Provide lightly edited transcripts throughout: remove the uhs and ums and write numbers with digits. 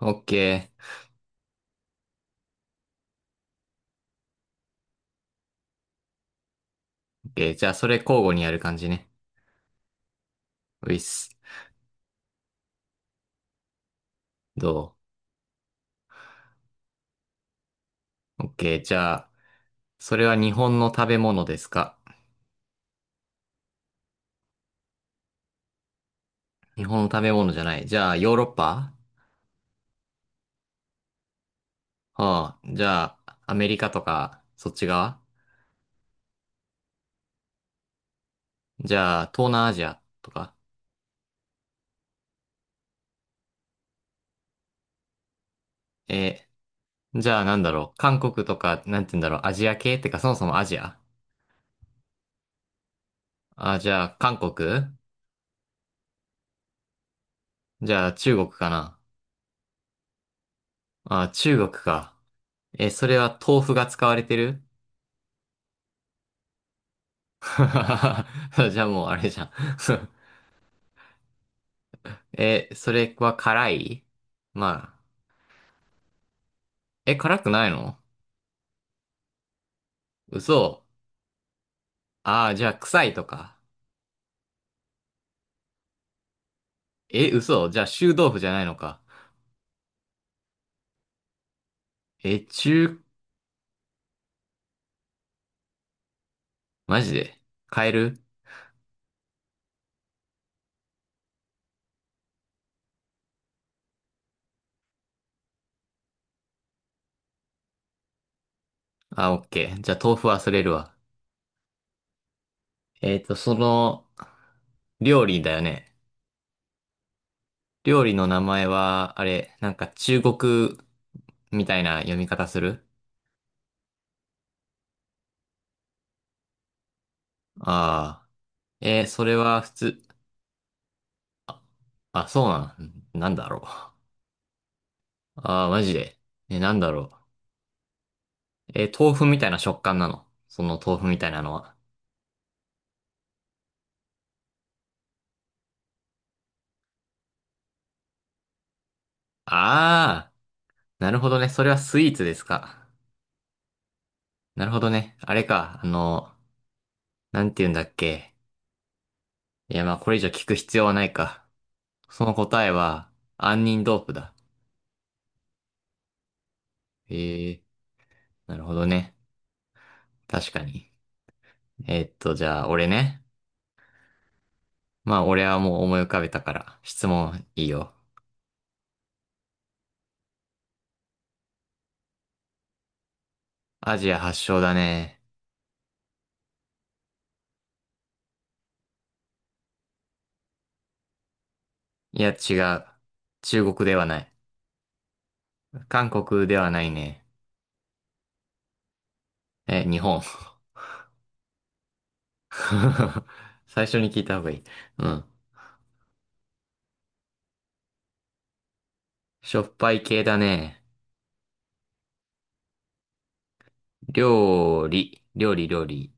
オッケー。オッケー。じゃあ、それ交互にやる感じね。ういっす。どうオッケー。じゃあ、それは日本の食べ物ですか？日本の食べ物じゃない。じゃあ、ヨーロッパ？はあ。じゃあ、アメリカとか、そっち側？じゃあ、東南アジアとか。えじゃあ、なんだろう。韓国とか、なんて言うんだろう。アジア系ってか、そもそもアジア？あ、じゃあ、韓国？じゃあ、中国かな？あ、中国か。えそれは豆腐が使われてる？ じゃあもうあれじゃん。 え、それは辛い？まあ。え、辛くないの？嘘。ああ、じゃあ臭いとか。え、嘘。じゃあ臭豆腐じゃないのか。え、中、マジで買える？あ、オッケー。じゃあ豆腐忘れるわ。その、料理だよね。料理の名前は、あれ、なんか中国みたいな読み方する？ああー。えーそれは普通、あ、そうなん、なんだろう。ああ、マジで。え、なんだろう。えー豆腐みたいな食感なの？その豆腐みたいなのは。あー、なるほどね。それはスイーツですか。なるほどね。あれか。なんて言うんだっけ。いや、まあ、これ以上聞く必要はないか。その答えは、杏仁豆腐だ。ええ、なるほどね。確かに。じゃあ、俺ね。まあ、俺はもう思い浮かべたから、質問いいよ。アジア発祥だね。いや、違う。中国ではない。韓国ではないね。え、日本。最初に聞いた方がいい。うん。しょっぱい系だね。料理。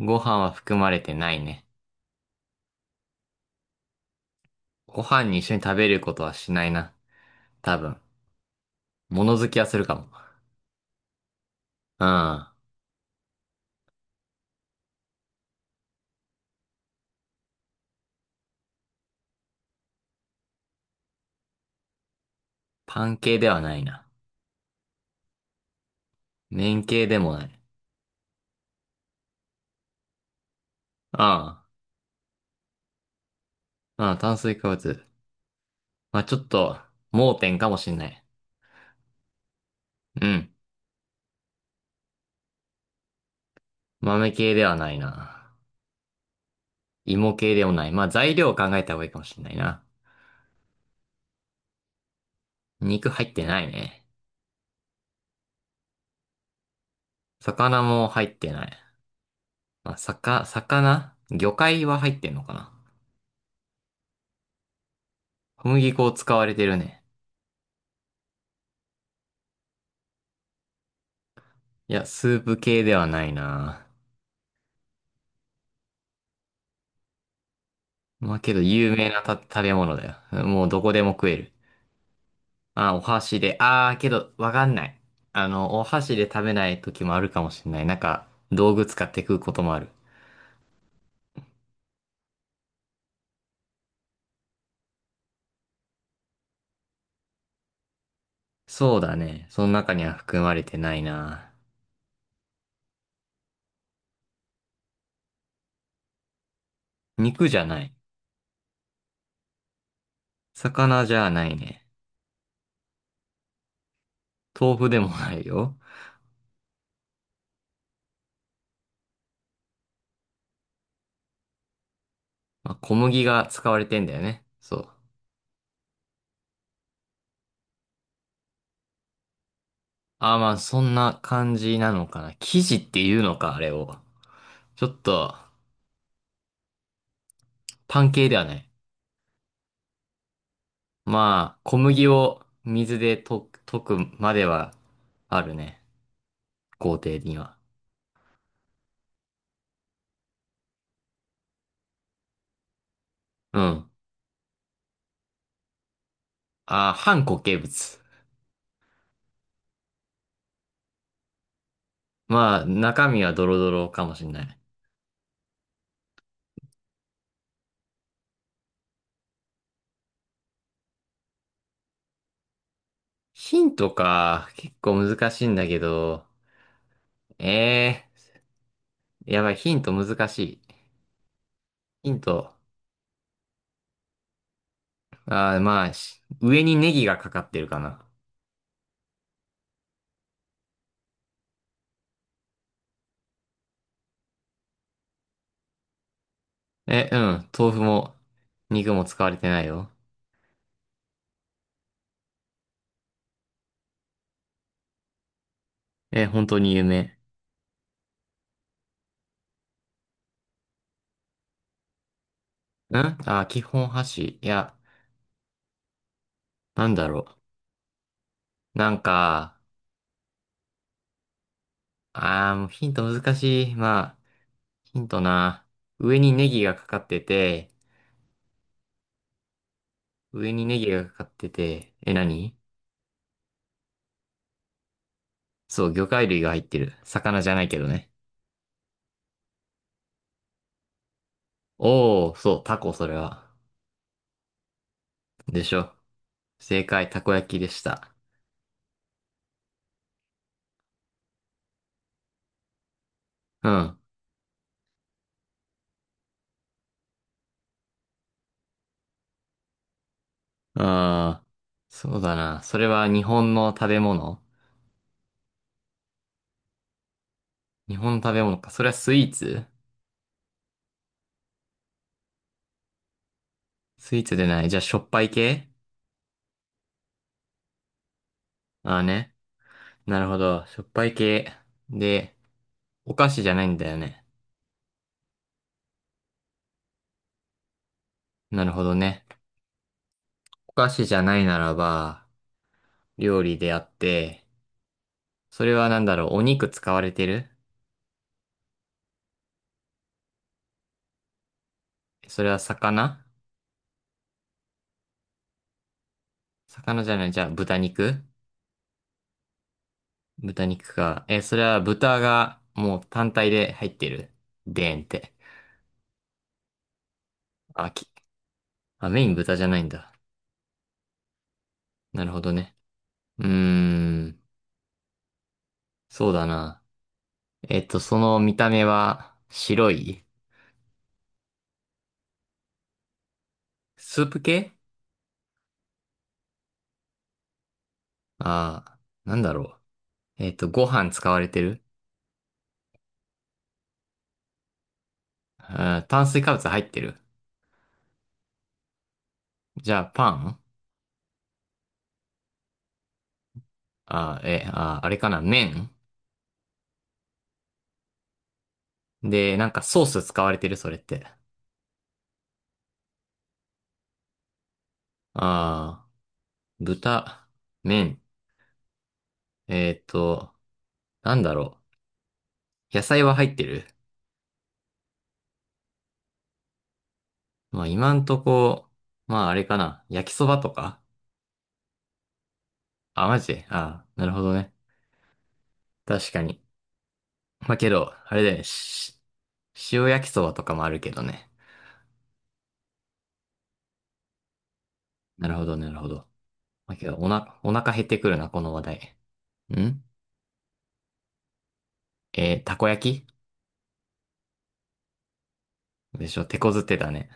ご飯は含まれてないね。ご飯に一緒に食べることはしないな。多分。物好きはするかも。うん。パン系ではないな。麺系でもない。ああ、うん、炭水化物。まあ、ちょっと、盲点かもしんない。うん。豆系ではないな。芋系でもない。まあ、材料を考えた方がいいかもしんないな。肉入ってないね。魚も入ってない。まあ、さか、魚介は入ってんのかな？小麦粉を使われてるね。いや、スープ系ではないな。まあ、けど有名な食べ物だよ。もうどこでも食える。まあ、お箸で。あー、けど、わかんない。あの、お箸で食べない時もあるかもしれない。なんか、道具使って食うこともある。そうだね。その中には含まれてないな。肉じゃない。魚じゃないね。豆腐でもないよ。まあ、小麦が使われてんだよね。そう。あ、まあ、そんな感じなのかな。生地っていうのか、あれを。ちょっと、パン系ではない。まあ、小麦を水で溶くまではあるね。工程には。うん。あ、半固形物。まあ、中身はドロドロかもしんない。ヒントか、結構難しいんだけど。ええ、やばい、ヒント難しい。ヒント。あー、まあ、し上にネギがかかってるかな。え、うん。豆腐も、肉も使われてないよ。え、本当に有名。ん、あ、基本箸。いや、なんだろう。なんか、あー、もうヒント難しい。まあ、ヒントな。上にネギがかかってて、上にネギがかかってて、え、何？そう、魚介類が入ってる。魚じゃないけどね。おー、そう、タコ、それは。でしょ。正解、たこ焼きでした。うん。あー、そうだな。それは日本の食べ物？日本の食べ物か。それはスイーツ？スイーツでない。じゃあ、しょっぱい系？ああーね。なるほど。しょっぱい系。で、お菓子じゃないんだよね。なるほどね。お菓子じゃないならば、料理であって、それはなんだろう、お肉使われてる？それは魚？魚じゃない、じゃあ豚肉？豚肉か。え、それは豚がもう単体で入ってる？でーんって。あ、き、あ、メイン豚じゃないんだ。なるほどね。うーん、そうだな。その見た目は白い？スープ系？ああー、なんだろう。ご飯使われてる？あー炭水化物入ってる？じゃあ、パン？あー、え、あー、あれかな麺？で、なんかソース使われてるそれって。あー、豚、麺。えっと、なんだろう。野菜は入ってる？まあ、今んとこ、まあ、あれかな焼きそばとか？あ、マジで、あー、なるほどね。確かに。まあ、けど、あれだよね。し塩焼きそばとかもあるけどね。なるほど、なるほど。まあ、けど、おな、お腹減ってくるな、この話題。ん、えーたこ焼きでしょ、手こずってたね。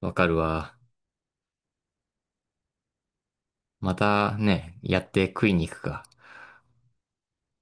わかるわ。またね、やって食いに行くか。